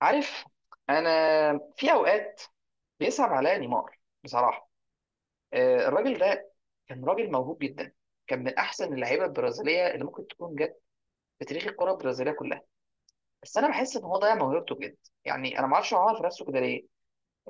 عارف. انا في اوقات بيصعب عليا نيمار بصراحه. الراجل ده كان راجل موهوب جدا، كان من احسن اللعيبه البرازيليه اللي ممكن تكون جت في تاريخ الكره البرازيليه كلها. بس انا بحس ان هو ضيع موهبته بجد. يعني انا ما اعرفش هو عمل في نفسه كده ليه.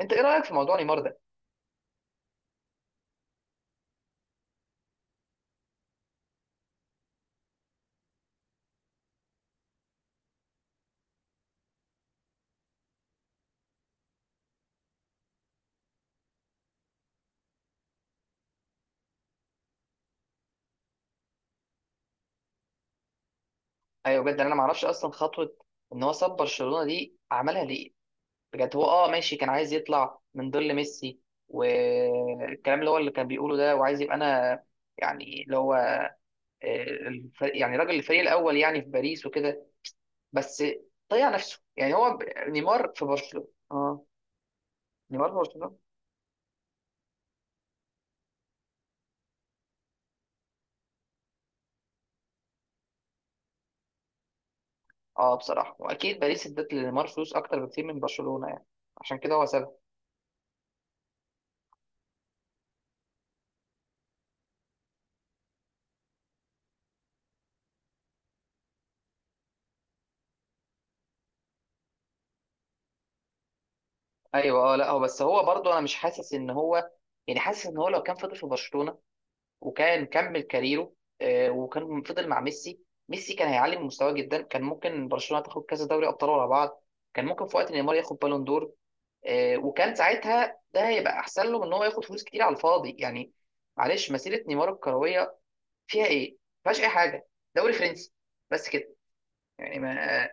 انت ايه رايك في موضوع نيمار ده؟ ايوه بجد، انا ما اعرفش اصلا خطوه ان هو ساب برشلونه دي عملها ليه. بجد هو اه ماشي، كان عايز يطلع من ظل ميسي، والكلام اللي هو اللي كان بيقوله ده، وعايز يبقى انا، يعني اللي هو الفريق، يعني راجل الفريق الاول يعني في باريس وكده. بس ضيع نفسه. يعني نيمار في برشلونه، نيمار في برشلونه. اه بصراحه، واكيد باريس ادت لنيمار فلوس اكتر بكتير من برشلونه، يعني عشان كده هو سابها. ايوه اه، لا هو بس هو برضه انا مش حاسس ان هو، يعني حاسس ان هو لو كان فضل في برشلونه وكان كمل كاريره، وكان فضل مع ميسي، ميسي كان هيعلي من مستواه جدا. كان ممكن برشلونه تاخد كذا دوري ابطال ورا بعض، كان ممكن في وقت نيمار ياخد بالون دور. وكان ساعتها ده هيبقى احسن له من ان هو ياخد فلوس كتير على الفاضي يعني. معلش، مسيره نيمار الكرويه فيها ايه؟ ما فيهاش اي حاجه، دوري فرنسي بس كده. يعني ما،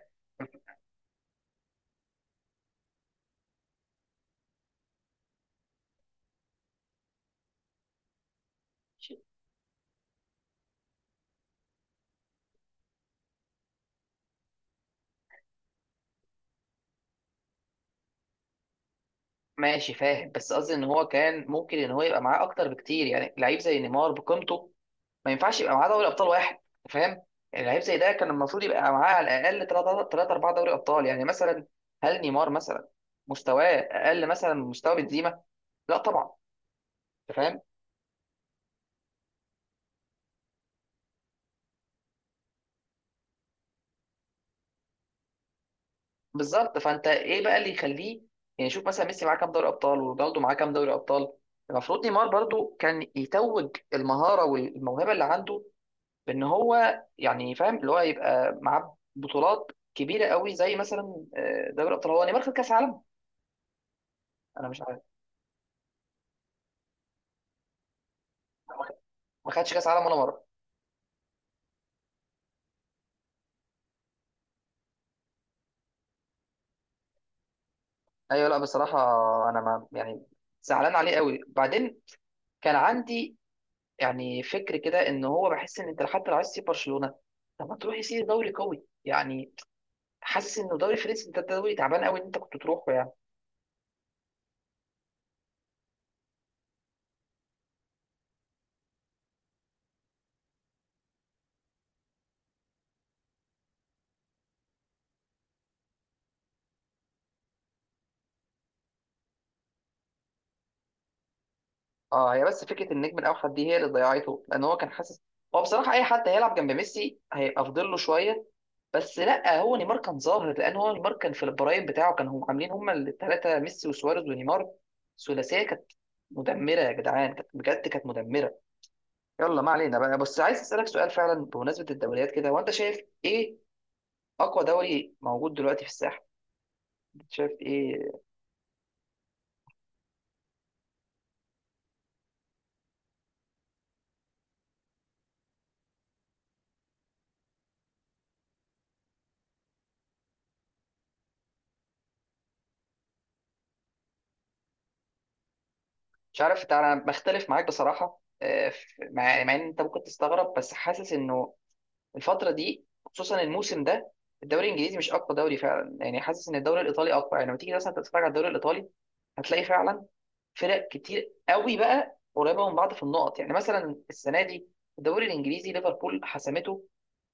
ماشي فاهم، بس قصدي ان هو كان ممكن ان هو يبقى معاه اكتر بكتير. يعني لعيب زي نيمار بقيمته ما ينفعش يبقى معاه دوري ابطال واحد، فاهم؟ يعني لعيب زي ده كان المفروض يبقى معاه على الاقل 3 4 دوري ابطال يعني مثلا. هل نيمار مثلا مستواه اقل مثلا من مستوى بنزيما؟ لا طبعا. انت فاهم؟ بالظبط، فانت ايه بقى اللي يخليه؟ يعني شوف مثلا ميسي معاه كام دوري ابطال، ورونالدو معاه كام دوري ابطال. المفروض نيمار برضو كان يتوج المهاره والموهبه اللي عنده، بان هو يعني فاهم اللي هو يبقى معاه بطولات كبيره قوي، زي مثلا دوري ابطال. هو نيمار خد كاس عالم؟ انا مش عارف. ما خدش كاس عالم ولا مره. ايوه لا بصراحه، انا ما يعني زعلان عليه قوي بعدين. كان عندي يعني فكر كده ان هو، بحس ان انت لحد لو عايز تسيب برشلونه، طب ما تروح يسيب دوري قوي يعني. حاسس انه دوري فرنسي ده دوري تعبان قوي ان انت كنت تروحه يعني. اه، هي بس فكره النجم الاوحد دي هي اللي ضيعته، لان هو كان حاسس. هو بصراحه اي حد هيلعب جنب ميسي هيبقى افضل له شويه. بس لا، هو نيمار كان ظاهر، لان هو نيمار كان في البرايم بتاعه، كانوا هم عاملين هم الثلاثه: ميسي وسواريز ونيمار. ثلاثيه كانت مدمره يا جدعان، كانت بجد كانت مدمره. يلا ما علينا بقى. بس عايز اسالك سؤال فعلا بمناسبه الدوريات كده، وانت شايف ايه اقوى دوري موجود دلوقتي في الساحه؟ انت شايف ايه؟ مش عارف، انا بختلف معاك بصراحه. مع ان انت ممكن تستغرب، بس حاسس انه الفتره دي خصوصا الموسم ده الدوري الانجليزي مش اقوى دوري فعلا. يعني حاسس ان الدوري الايطالي اقوى. يعني لما تيجي مثلا تتفرج على الدوري الايطالي هتلاقي فعلا فرق كتير قوي بقى قريبه من بعض في النقط. يعني مثلا السنه دي الدوري الانجليزي ليفربول حسمته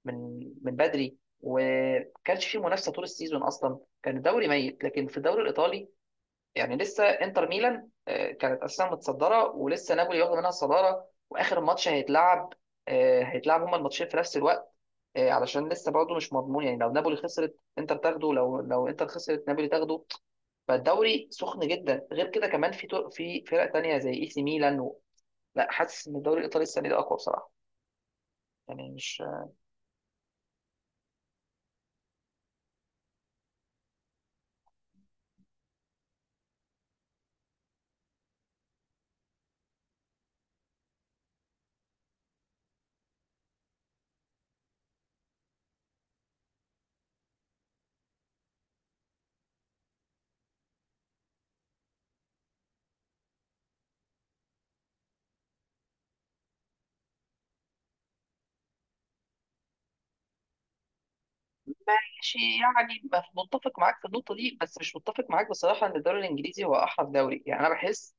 من بدري، وما كانش فيه منافسه طول السيزون، اصلا كان الدوري ميت. لكن في الدوري الايطالي يعني لسه انتر ميلان كانت اساسا متصدره، ولسه نابولي واخده منها الصداره، واخر ماتش هيتلعب هيتلعب هما الماتشين في نفس الوقت، علشان لسه برضه مش مضمون. يعني لو نابولي خسرت انتر تاخده، لو انتر خسرت نابولي تاخده. فالدوري سخن جدا، غير كده كمان في فرق تانية زي اي سي ميلان لا حاسس ان الدوري الايطالي السنه دي اقوى بصراحه. يعني مش، ماشي يعني متفق معاك في النقطة دي، بس مش متفق معاك بصراحة إن الدوري الإنجليزي هو أحرف دوري. يعني أنا بحس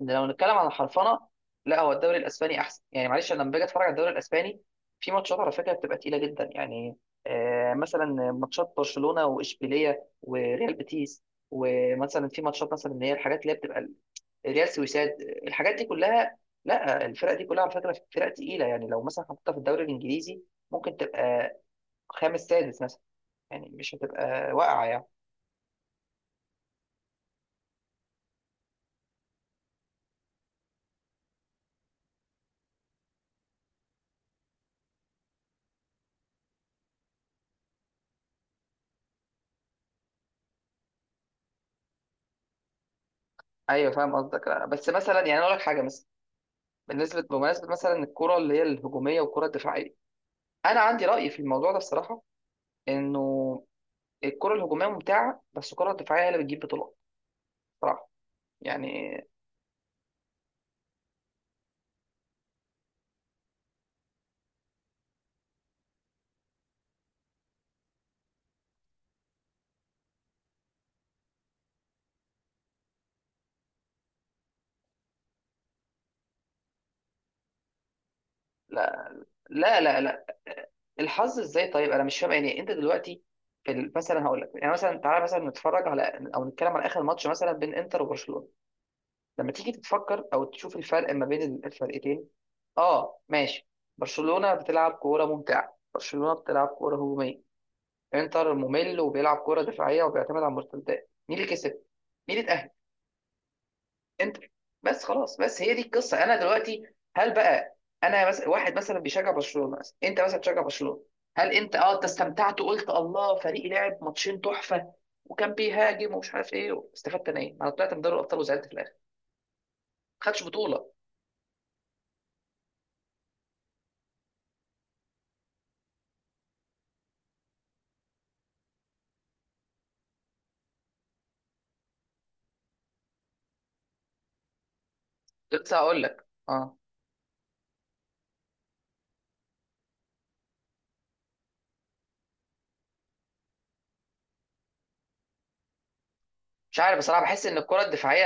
إن لو نتكلم عن الحرفنة، لا، هو الدوري الأسباني أحسن. يعني معلش، أنا لما باجي أتفرج على الدوري الأسباني في ماتشات على فكرة بتبقى تقيلة جدا. يعني آه مثلا ماتشات برشلونة وإشبيلية وريال بيتيس، ومثلا في ماتشات مثلا اللي هي الحاجات اللي هي بتبقى ريال سويساد، الحاجات دي كلها. لا الفرق دي كلها على فكرة فرق تقيلة. يعني لو مثلا حطيتها في الدوري الإنجليزي ممكن تبقى خامس سادس مثلا، يعني مش هتبقى واقعه يعني. ايوه فاهم قصدك، لا، بس مثلا يعني أنا اقول لك حاجه مثلا، بالنسبه بمناسبه مثلا الكره اللي هي الهجوميه والكره الدفاعيه، انا عندي راي في الموضوع ده الصراحه، انه الكره الهجوميه ممتعه، بس الكره الدفاعيه هي اللي بتجيب بطولات، صراحه. يعني لا، لا، لا، لا، الحظ ازاي؟ طيب انا مش فاهم. يعني انت دلوقتي مثلا هقول لك يعني، مثلا تعالى مثلا نتفرج على او نتكلم على اخر ماتش مثلا بين انتر وبرشلونه. لما تيجي تتفكر او تشوف الفرق ما بين الفرقتين، اه ماشي، برشلونة بتلعب كورة ممتعة، برشلونة بتلعب كورة هجومية، انتر ممل وبيلعب كورة دفاعية وبيعتمد على المرتدات. مين اللي كسب؟ مين اللي اتأهل؟ انتر. بس خلاص، بس هي دي القصة. انا دلوقتي هل بقى، انا مثلا واحد مثلا بيشجع برشلونة، مثلا انت مثلا بتشجع برشلونة، هل انت اه انت استمتعت وقلت الله، فريقي لعب ماتشين تحفة وكان بيهاجم ومش عارف ايه، استفدت انا ايه؟ انا طلعت من دوري الابطال وزعلت في الاخر، ما خدتش بطولة. لسه هقول لك اه. مش عارف بصراحه، بحس ان الكره الدفاعيه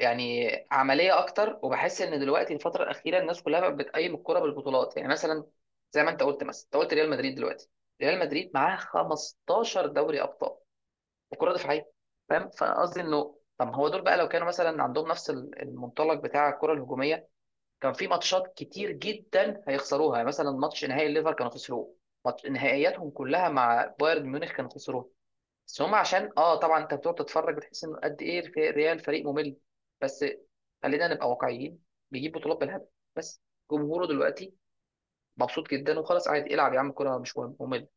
يعني عمليه اكتر، وبحس ان دلوقتي الفتره الاخيره الناس كلها بقت بتقيم الكره بالبطولات. يعني مثلا زي ما انت قلت، مثلا انت قلت ريال مدريد دلوقتي ريال مدريد معاه 15 دوري ابطال وكره دفاعيه، فاهم؟ فانا قصدي انه طب ما هو دول بقى لو كانوا مثلا عندهم نفس المنطلق بتاع الكره الهجوميه، كان في ماتشات كتير جدا هيخسروها. يعني مثلا ماتش نهائي الليفر كانوا خسروه، ماتش نهائياتهم كلها مع بايرن ميونخ كانوا خسروها. بس هم عشان اه طبعا انت بتقعد تتفرج بتحس انه قد ايه ريال فريق ممل. بس خلينا نبقى واقعيين، بيجيب بطولات بالهبل. بس جمهوره دلوقتي مبسوط جدا، وخلاص عادي، العب يا عم كوره مش مهم ممل.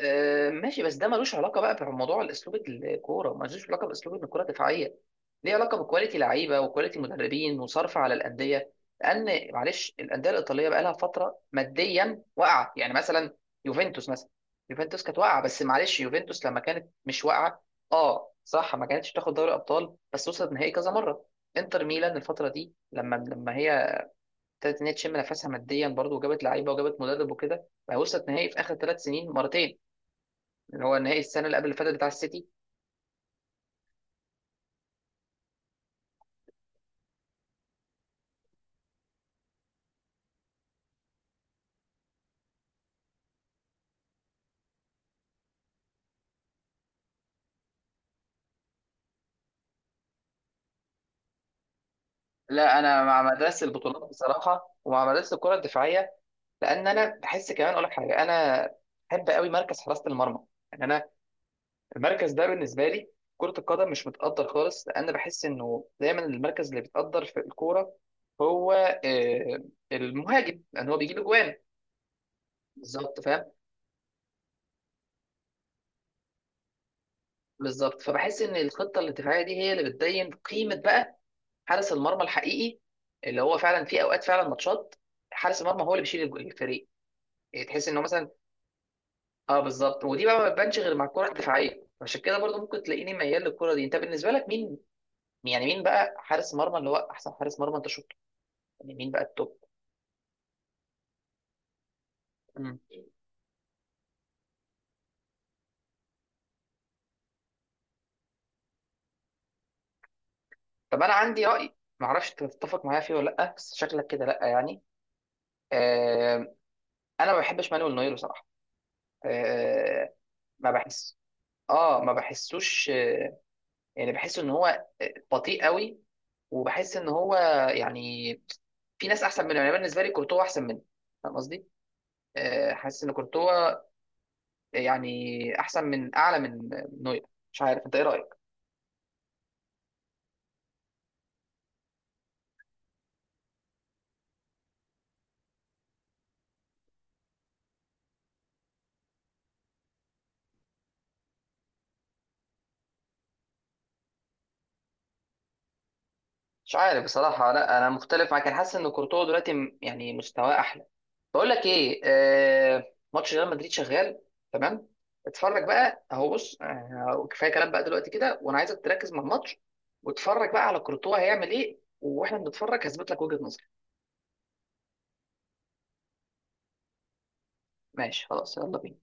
آه ماشي، بس ده ملوش علاقه بقى بموضوع الاسلوب، الكوره ملوش علاقه باسلوب ان الكوره دفاعيه، ليه علاقه بكواليتي لعيبه وكواليتي مدربين وصرف على الانديه. لان معلش الانديه الايطاليه بقى لها فتره ماديا واقعه. يعني مثلا يوفنتوس مثلا، يوفنتوس كانت واقعه، بس معلش يوفنتوس لما كانت مش واقعه اه صح ما كانتش تاخد دوري ابطال، بس وصلت نهائي كذا مره. انتر ميلان الفتره دي لما هي ابتدت ان هي تشم نفسها ماديا برضو وجابت لعيبه وجابت مدرب وكده، بقى وصلت نهائي في اخر ثلاث سنين مرتين، اللي هو النهائي السنه اللي قبل اللي فاتت بتاع السيتي. لا انا مع مدرسه البطولات بصراحه، ومع مدرسه الكره الدفاعيه. لان انا بحس، كمان اقول لك حاجه، انا بحب قوي مركز حراسه المرمى. يعني انا المركز ده بالنسبه لي كره القدم مش متقدر خالص، لان بحس انه دايما المركز اللي بيتقدر في الكوره هو آه، المهاجم لان هو بيجيب اجوان. بالظبط فاهم. بالظبط، فبحس ان الخطه الدفاعيه دي هي اللي بتبين قيمه بقى حارس المرمى الحقيقي، اللي هو فعلا في اوقات فعلا ماتشات حارس المرمى هو اللي بيشيل الفريق. يعني تحس انه مثلا، اه بالظبط. ودي بقى ما بتبانش غير مع الكره الدفاعيه، عشان كده برضو ممكن تلاقيني ميال للكره دي. انت بالنسبه لك مين، يعني مين بقى حارس مرمى اللي هو احسن حارس مرمى انت شفته؟ يعني مين بقى التوب؟ مم. طب انا عندي راي ما اعرفش تتفق معايا فيه ولا لا، بس شكلك كده لا يعني. آه، انا ما بحبش مانويل نوير بصراحه. آه ما بحس اه ما بحسوش آه، يعني بحس ان هو بطيء قوي، وبحس ان هو يعني في ناس احسن منه. يعني أنا بالنسبه لي كورتوا احسن منه، فاهم قصدي؟ حاسس ان كورتوا يعني احسن من، اعلى من نوير. مش عارف انت ايه رايك. مش عارف بصراحه، لا انا مختلف معاك، انا حاسس ان كورتوا دلوقتي يعني مستواه احلى. بقول لك ايه، آه ماتش ريال مدريد شغال. تمام، اتفرج بقى اهو، بص، كفايه كلام بقى دلوقتي كده، وانا عايزك تركز مع الماتش واتفرج بقى على كورتوا هيعمل ايه. واحنا بنتفرج هثبت لك وجهه نظري. ماشي خلاص، يلا بينا.